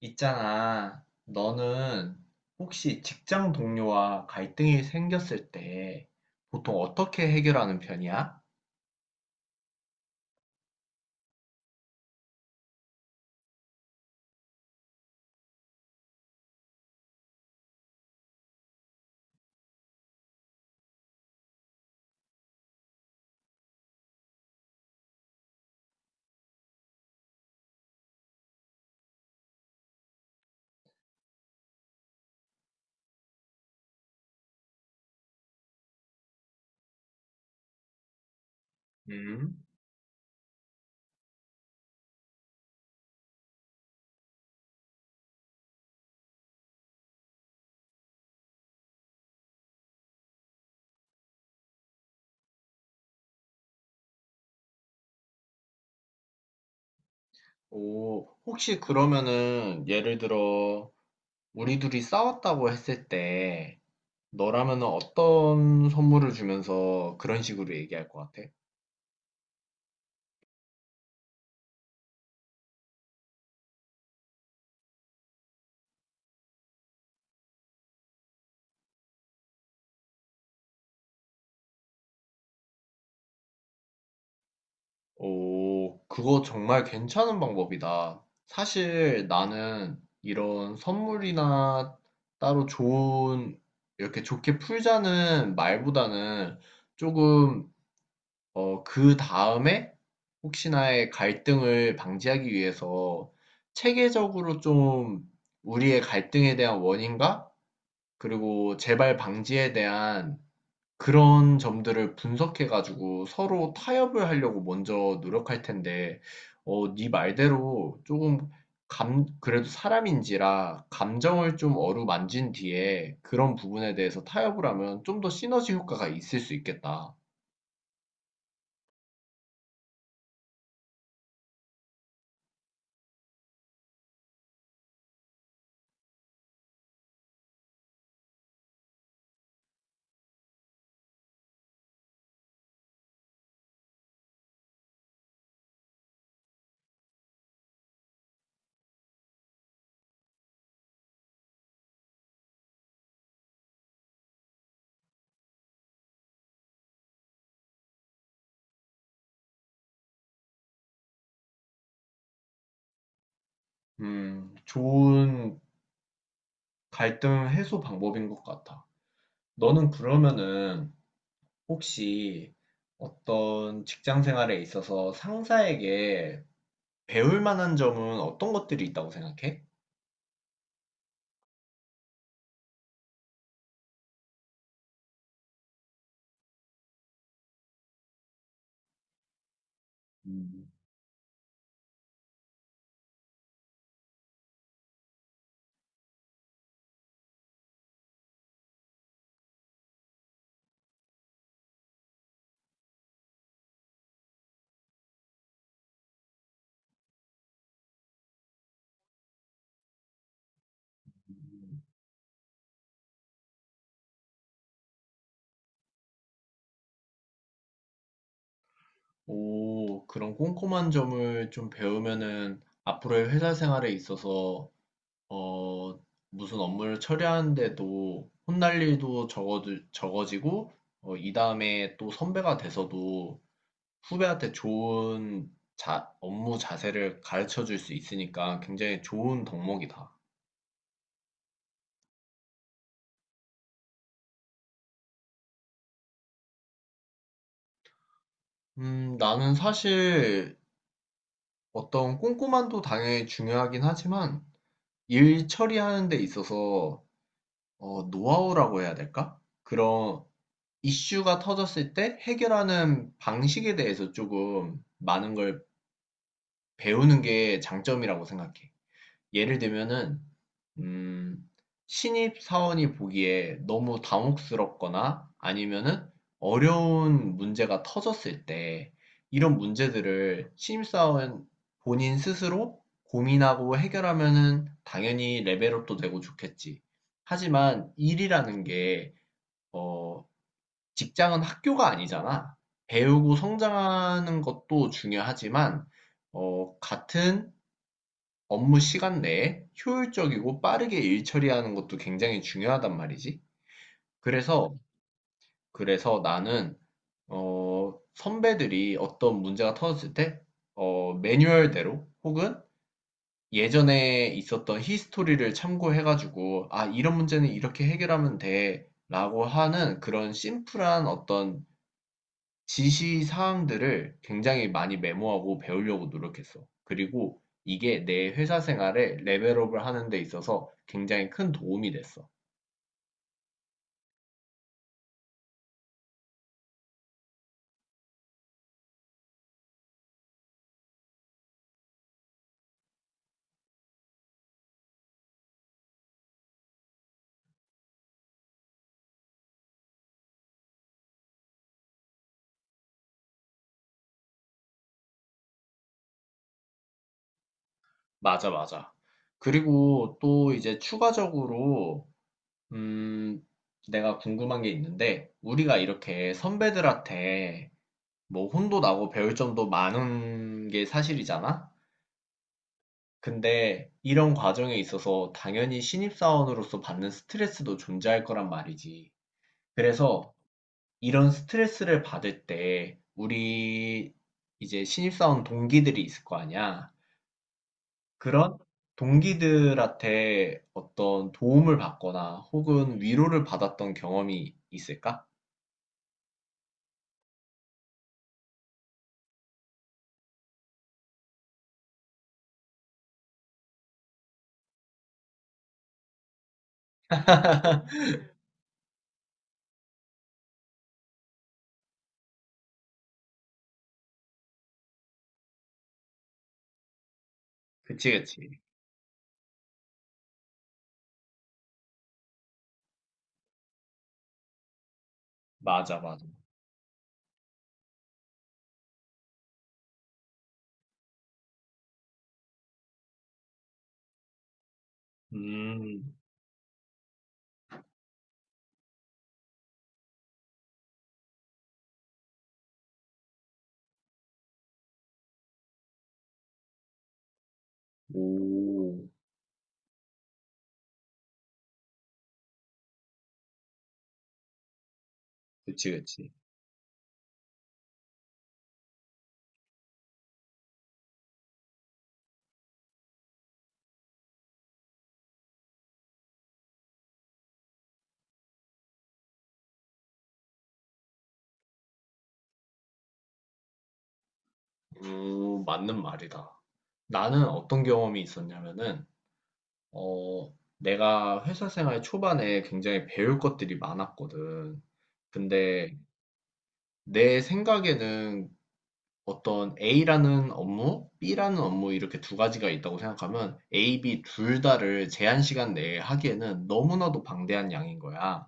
있잖아. 너는 혹시 직장 동료와 갈등이 생겼을 때 보통 어떻게 해결하는 편이야? 음? 오, 혹시 그러면은 예를 들어 우리 둘이 싸웠다고 했을 때 너라면은 어떤 선물을 주면서 그런 식으로 얘기할 것 같아? 오, 그거 정말 괜찮은 방법이다. 사실 나는 이런 선물이나 따로 좋은, 이렇게 좋게 풀자는 말보다는 조금, 그 다음에 혹시나의 갈등을 방지하기 위해서 체계적으로 좀 우리의 갈등에 대한 원인과 그리고 재발 방지에 대한 그런 점들을 분석해 가지고 서로 타협을 하려고 먼저 노력할 텐데, 네 말대로 조금 그래도 사람인지라 감정을 좀 어루만진 뒤에 그런 부분에 대해서 타협을 하면 좀 더 시너지 효과가 있을 수 있겠다. 좋은 갈등 해소 방법인 것 같아. 너는 그러면은 혹시 어떤 직장 생활에 있어서 상사에게 배울 만한 점은 어떤 것들이 있다고 생각해? 음. 오, 그런 꼼꼼한 점을 좀 배우면은 앞으로의 회사 생활에 있어서 어, 무슨 업무를 처리하는데도 혼날 일도 적어지고 이 다음에 또 선배가 돼서도 후배한테 좋은 업무 자세를 가르쳐 줄 수 있으니까 굉장히 좋은 덕목이다. 나는 사실 어떤 꼼꼼함도 당연히 중요하긴 하지만 일 처리하는 데 있어서 노하우라고 해야 될까? 그런 이슈가 터졌을 때 해결하는 방식에 대해서 조금 많은 걸 배우는 게 장점이라고 생각해. 예를 들면은, 음, 신입 사원이 보기에 너무 당혹스럽거나 아니면은 어려운 문제가 터졌을 때 이런 문제들을 신입 사원 본인 스스로 고민하고 해결하면은 당연히 레벨업도 되고 좋겠지. 하지만 일이라는 게 어, 직장은 학교가 아니잖아. 배우고 성장하는 것도 중요하지만, 같은 업무 시간 내에 효율적이고 빠르게 일 처리하는 것도 굉장히 중요하단 말이지. 그래서, 그래서 나는, 선배들이 어떤 문제가 터졌을 때, 매뉴얼대로 혹은 예전에 있었던 히스토리를 참고해가지고, 아, 이런 문제는 이렇게 해결하면 돼. 라고 하는 그런 심플한 어떤 지시 사항들을 굉장히 많이 메모하고 배우려고 노력했어. 그리고 이게 내 회사 생활에 레벨업을 하는 데 있어서 굉장히 큰 도움이 됐어. 맞아, 맞아. 그리고 또 이제 추가적으로, 음, 내가 궁금한 게 있는데, 우리가 이렇게 선배들한테 뭐 혼도 나고 배울 점도 많은 게 사실이잖아? 근데 이런 과정에 있어서 당연히 신입사원으로서 받는 스트레스도 존재할 거란 말이지. 그래서 이런 스트레스를 받을 때 우리 이제 신입사원 동기들이 있을 거 아니야. 그런 동기들한테 어떤 도움을 받거나 혹은 위로를 받았던 경험이 있을까? 그치, 그치. 맞아, 맞아. 음, 오, 그치, 그치. 오, 맞는 말이다. 나는 어떤 경험이 있었냐면은, 내가 회사 생활 초반에 굉장히 배울 것들이 많았거든. 근데 내 생각에는 어떤 A라는 업무, B라는 업무 이렇게 두 가지가 있다고 생각하면 A, B 둘 다를 제한 시간 내에 하기에는 너무나도 방대한 양인 거야.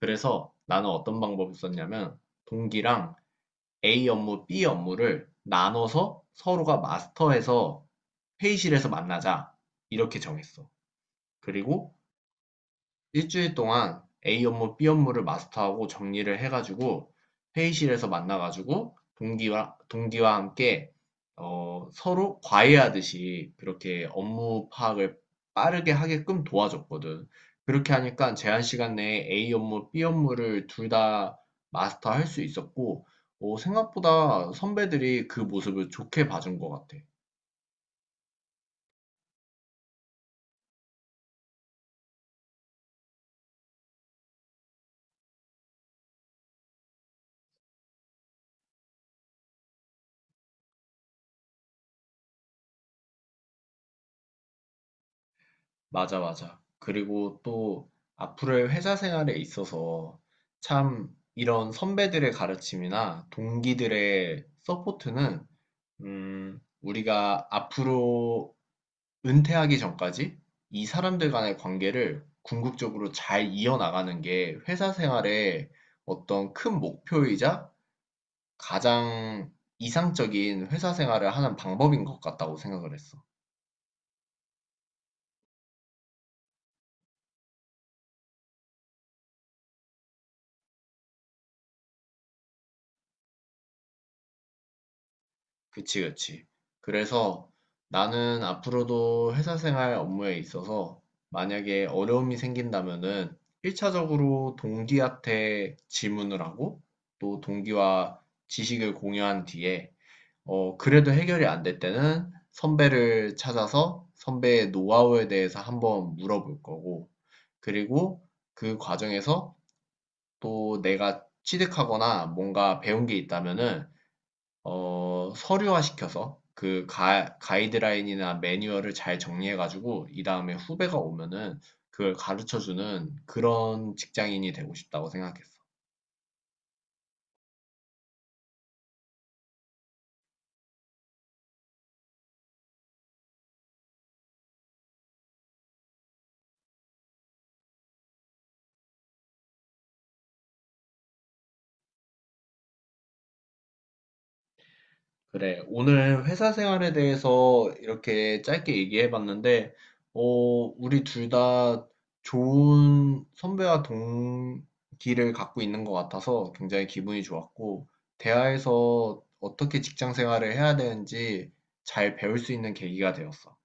그래서 나는 어떤 방법을 썼냐면 동기랑 A 업무, B 업무를 나눠서 서로가 마스터해서 회의실에서 만나자. 이렇게 정했어. 그리고 일주일 동안 A 업무, B 업무를 마스터하고 정리를 해가지고 회의실에서 만나가지고 동기와 함께 서로 과외하듯이 그렇게 업무 파악을 빠르게 하게끔 도와줬거든. 그렇게 하니까 제한 시간 내에 A 업무, B 업무를 둘 다 마스터할 수 있었고, 생각보다 선배들이 그 모습을 좋게 봐준 것 같아. 맞아, 맞아. 그리고 또 앞으로의 회사 생활에 있어서 참 이런 선배들의 가르침이나 동기들의 서포트는, 우리가 앞으로 은퇴하기 전까지 이 사람들 간의 관계를 궁극적으로 잘 이어나가는 게 회사 생활의 어떤 큰 목표이자 가장 이상적인 회사 생활을 하는 방법인 것 같다고 생각을 했어. 그치, 그치. 그래서 나는 앞으로도 회사 생활 업무에 있어서 만약에 어려움이 생긴다면은 1차적으로 동기한테 질문을 하고 또 동기와 지식을 공유한 뒤에 그래도 해결이 안 될 때는 선배를 찾아서 선배의 노하우에 대해서 한번 물어볼 거고 그리고 그 과정에서 또 내가 취득하거나 뭔가 배운 게 있다면은 서류화시켜서 그 가이드라인이나 매뉴얼을 잘 정리해가지고 이 다음에 후배가 오면은 그걸 가르쳐주는 그런 직장인이 되고 싶다고 생각했어. 그래, 오늘 회사 생활에 대해서 이렇게 짧게 얘기해봤는데, 어, 우리 둘 다 좋은 선배와 동기를 갖고 있는 것 같아서 굉장히 기분이 좋았고, 대화에서 어떻게 직장 생활을 해야 되는지 잘 배울 수 있는 계기가 되었어.